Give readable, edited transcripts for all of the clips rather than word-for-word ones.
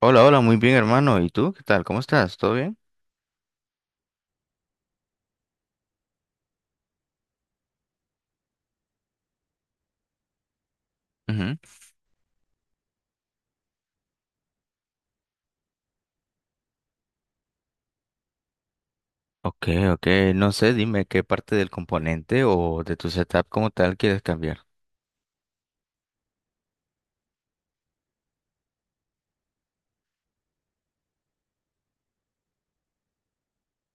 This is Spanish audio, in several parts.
Hola, hola, muy bien, hermano. ¿Y tú? ¿Qué tal? ¿Cómo estás? ¿Todo bien? Ujú. Ok, ok. No sé, dime qué parte del componente o de tu setup como tal quieres cambiar.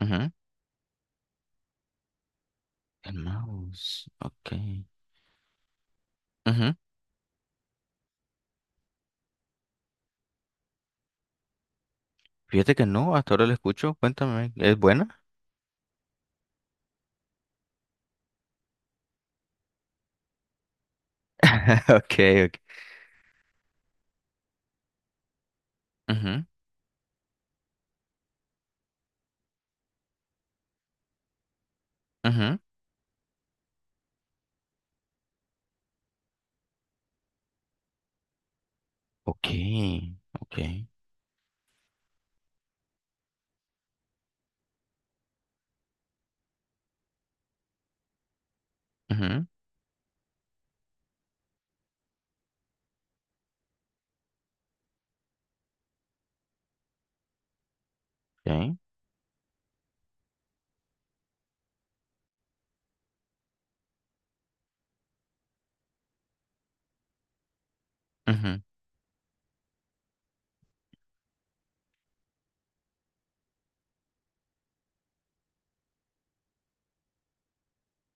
Ujú. El mouse. Ok. Ujú. Fíjate que no, hasta ahora lo escucho. Cuéntame, ¿es buena? Ok, ok. Ujú, ujú. Ok, ok. Ujú, ok. Ujú,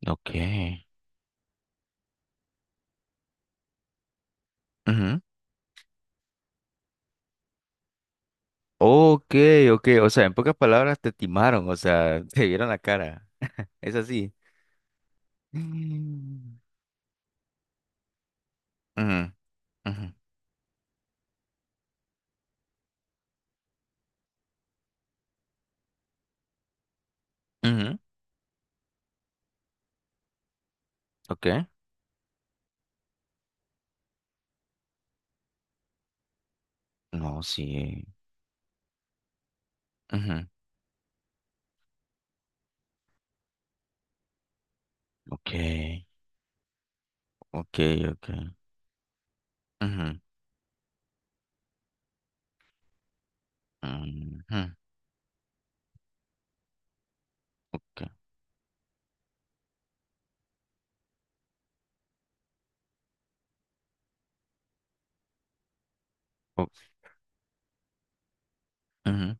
ok. Ujú. Ok, ok. O sea, en pocas palabras te timaron, o sea, te vieron la cara. Es así. Mm. Ujú. Ujú, ujú, ok. No, sí. Ujú, ok, ok, ok. Ujú, ujú, ok, o- ujú.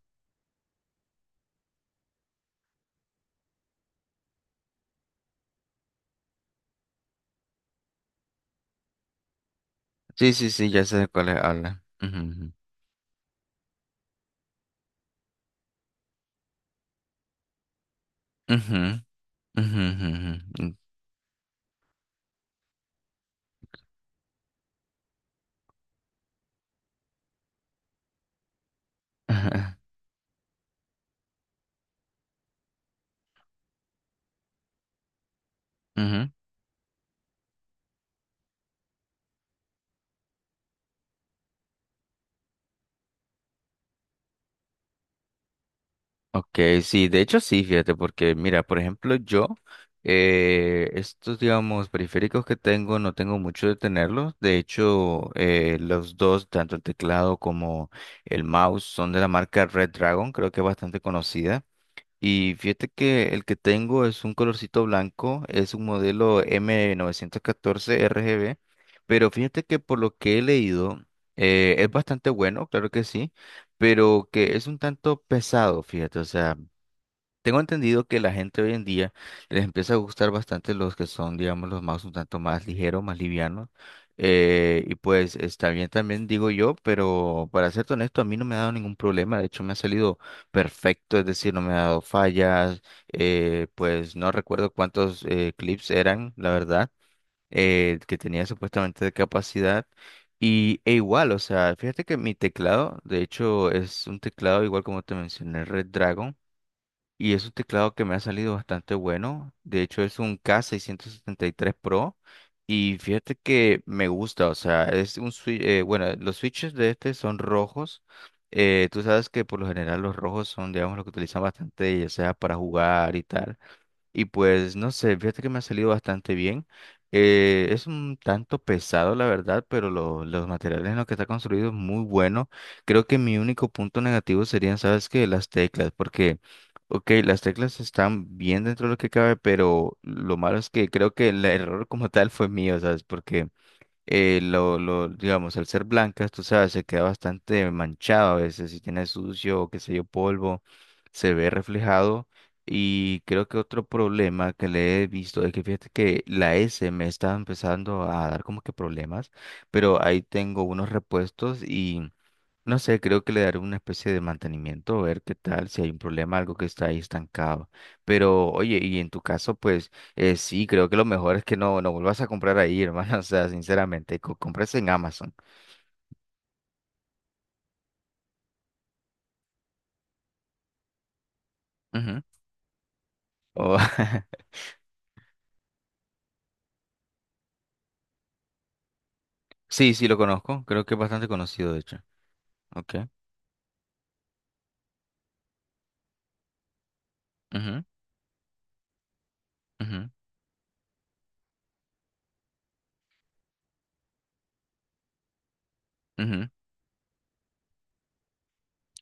Sí, sí, sí, ya sé de cuál habla. Ujú, ujú, ujú, ujú, ujú, ujú, ujú, ujú. Ok, sí, de hecho sí, fíjate, porque mira, por ejemplo, yo, estos, digamos, periféricos que tengo, no tengo mucho de tenerlos. De hecho, los dos, tanto el teclado como el mouse, son de la marca Red Dragon, creo que es bastante conocida. Y fíjate que el que tengo es un colorcito blanco, es un modelo M914 novecientos RGB, pero fíjate que por lo que he leído es bastante bueno, claro que sí, pero que es un tanto pesado, fíjate, o sea, tengo entendido que la gente hoy en día les empieza a gustar bastante los que son, digamos, los mouse un tanto más ligeros, más livianos. Y pues está bien también, digo yo, pero para ser honesto, a mí no me ha dado ningún problema. De hecho, me ha salido perfecto, es decir, no me ha dado fallas. Pues no recuerdo cuántos clips eran, la verdad, que tenía supuestamente de capacidad. Y e igual, o sea, fíjate que mi teclado, de hecho, es un teclado igual como te mencioné, Red, y es un teclado que me ha salido bastante bueno. De hecho, es un K673 Pro. Y fíjate que me gusta. O sea, es un switch. Bueno, los switches de este son rojos. Tú sabes que por lo general los rojos son, digamos, los que utilizan bastante, ya sea para jugar y tal. Y pues no sé, fíjate que me ha salido bastante bien. Es un tanto pesado, la verdad, pero los materiales en los que está construido es muy bueno. Creo que mi único punto negativo serían, ¿sabes qué? Las teclas, porque, ok, las teclas están bien dentro de lo que cabe, pero lo malo es que creo que el error como tal fue mío, ¿sabes? Porque digamos, al ser blancas, tú sabes, se queda bastante manchado a veces, si tiene sucio o qué sé yo, polvo, se ve reflejado. Y creo que otro problema que le he visto es que fíjate que la S me está empezando a dar como que problemas, pero ahí tengo unos repuestos, no sé, creo que le daré una especie de mantenimiento, a ver qué tal, si hay un problema, algo que está ahí estancado. Pero, oye, y en tu caso, pues sí, creo que lo mejor es que no, no vuelvas a comprar ahí, hermano. O sea, sinceramente, compres en Amazon. Ujú. O- sí, sí, lo conozco. Creo que es bastante conocido, de hecho. Ok. Ujú, ujú, ujú.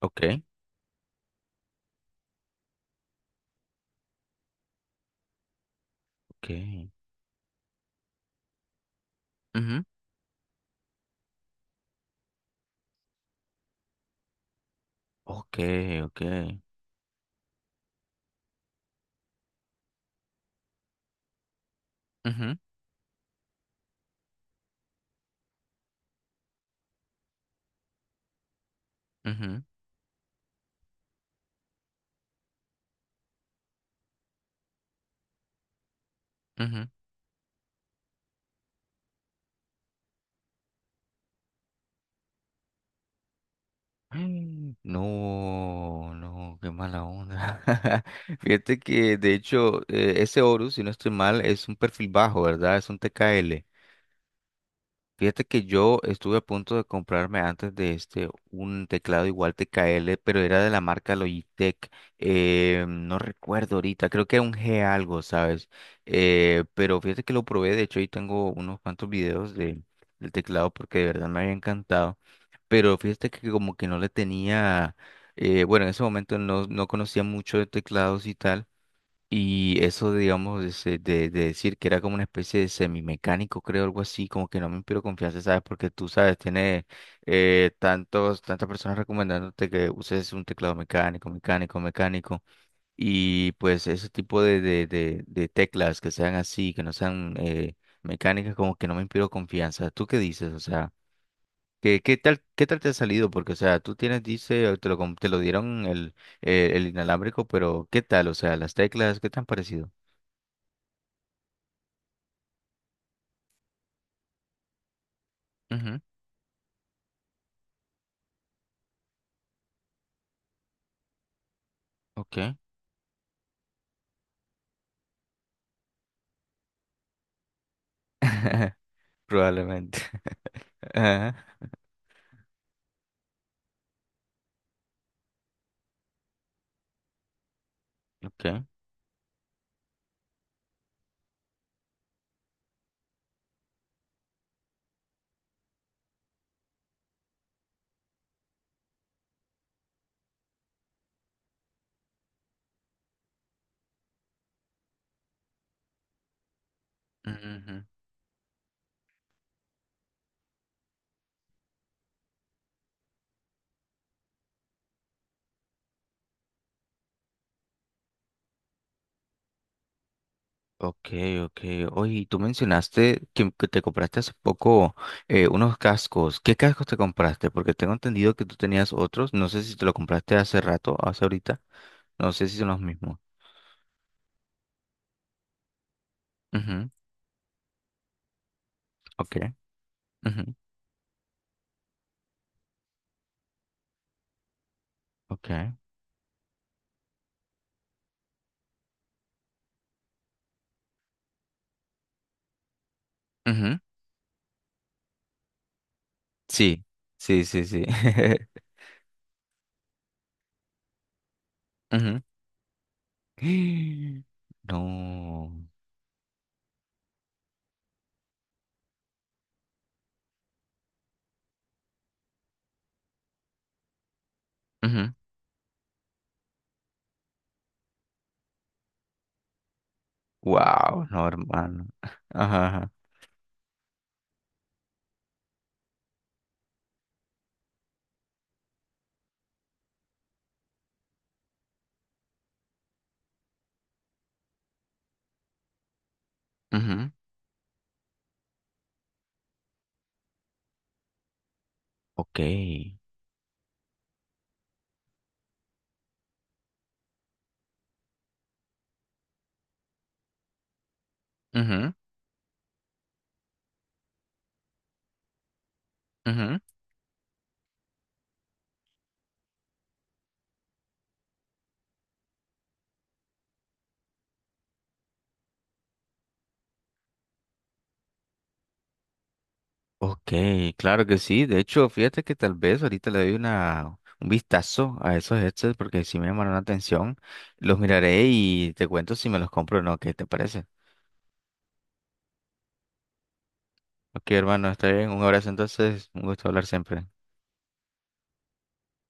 Ok, ok. Ujú. Ok, ok. Ujú, ujú, ujú. Mm. No, no, qué mala onda. Fíjate que de hecho ese Horus, si no estoy mal, es un perfil bajo, ¿verdad? Es un TKL. Fíjate que yo estuve a punto de comprarme antes de este un teclado igual TKL, pero era de la marca Logitech. No recuerdo ahorita, creo que era un G algo, ¿sabes? Pero fíjate que lo probé, de hecho, ahí tengo unos cuantos videos de, del teclado porque de verdad me había encantado. Pero fíjate que como que no le tenía, bueno, en ese momento no, no conocía mucho de teclados y tal. Y eso, digamos, ese de decir que era como una especie de semimecánico, creo, algo así, como que no me inspiró confianza, ¿sabes? Porque tú sabes, tiene tantas personas recomendándote que uses un teclado mecánico, mecánico, mecánico. Y pues ese tipo de teclas que sean así, que no sean mecánicas, como que no me inspiró confianza. ¿Tú qué dices? O sea, ¿qué, qué tal te ha salido? Porque, o sea, tú tienes, dice, te lo, te lo dieron el inalámbrico, pero ¿qué tal? O sea, las teclas, ¿qué te han parecido? Ujú, ok, probablemente. Ajá. Ok. Ujú, ok, ok. Oye, y tú mencionaste que te compraste hace poco unos cascos. ¿Qué cascos te compraste? Porque tengo entendido que tú tenías otros. No sé si te lo compraste hace rato, hace ahorita. No sé si son los mismos. Ujú, ok, ujú, ok. Ujú, sí, sí, sí, sí. Ujú. No. Wow, no, hermano. Ajá. Ajá. Ok, ujú, ujú. Ok, claro que sí. De hecho, fíjate que tal vez ahorita le doy una, un vistazo a esos headsets porque sí me llamaron la atención. Los miraré y te cuento si me los compro o no. ¿Qué te parece? Ok, hermano, está bien. Un abrazo entonces. Un gusto hablar siempre.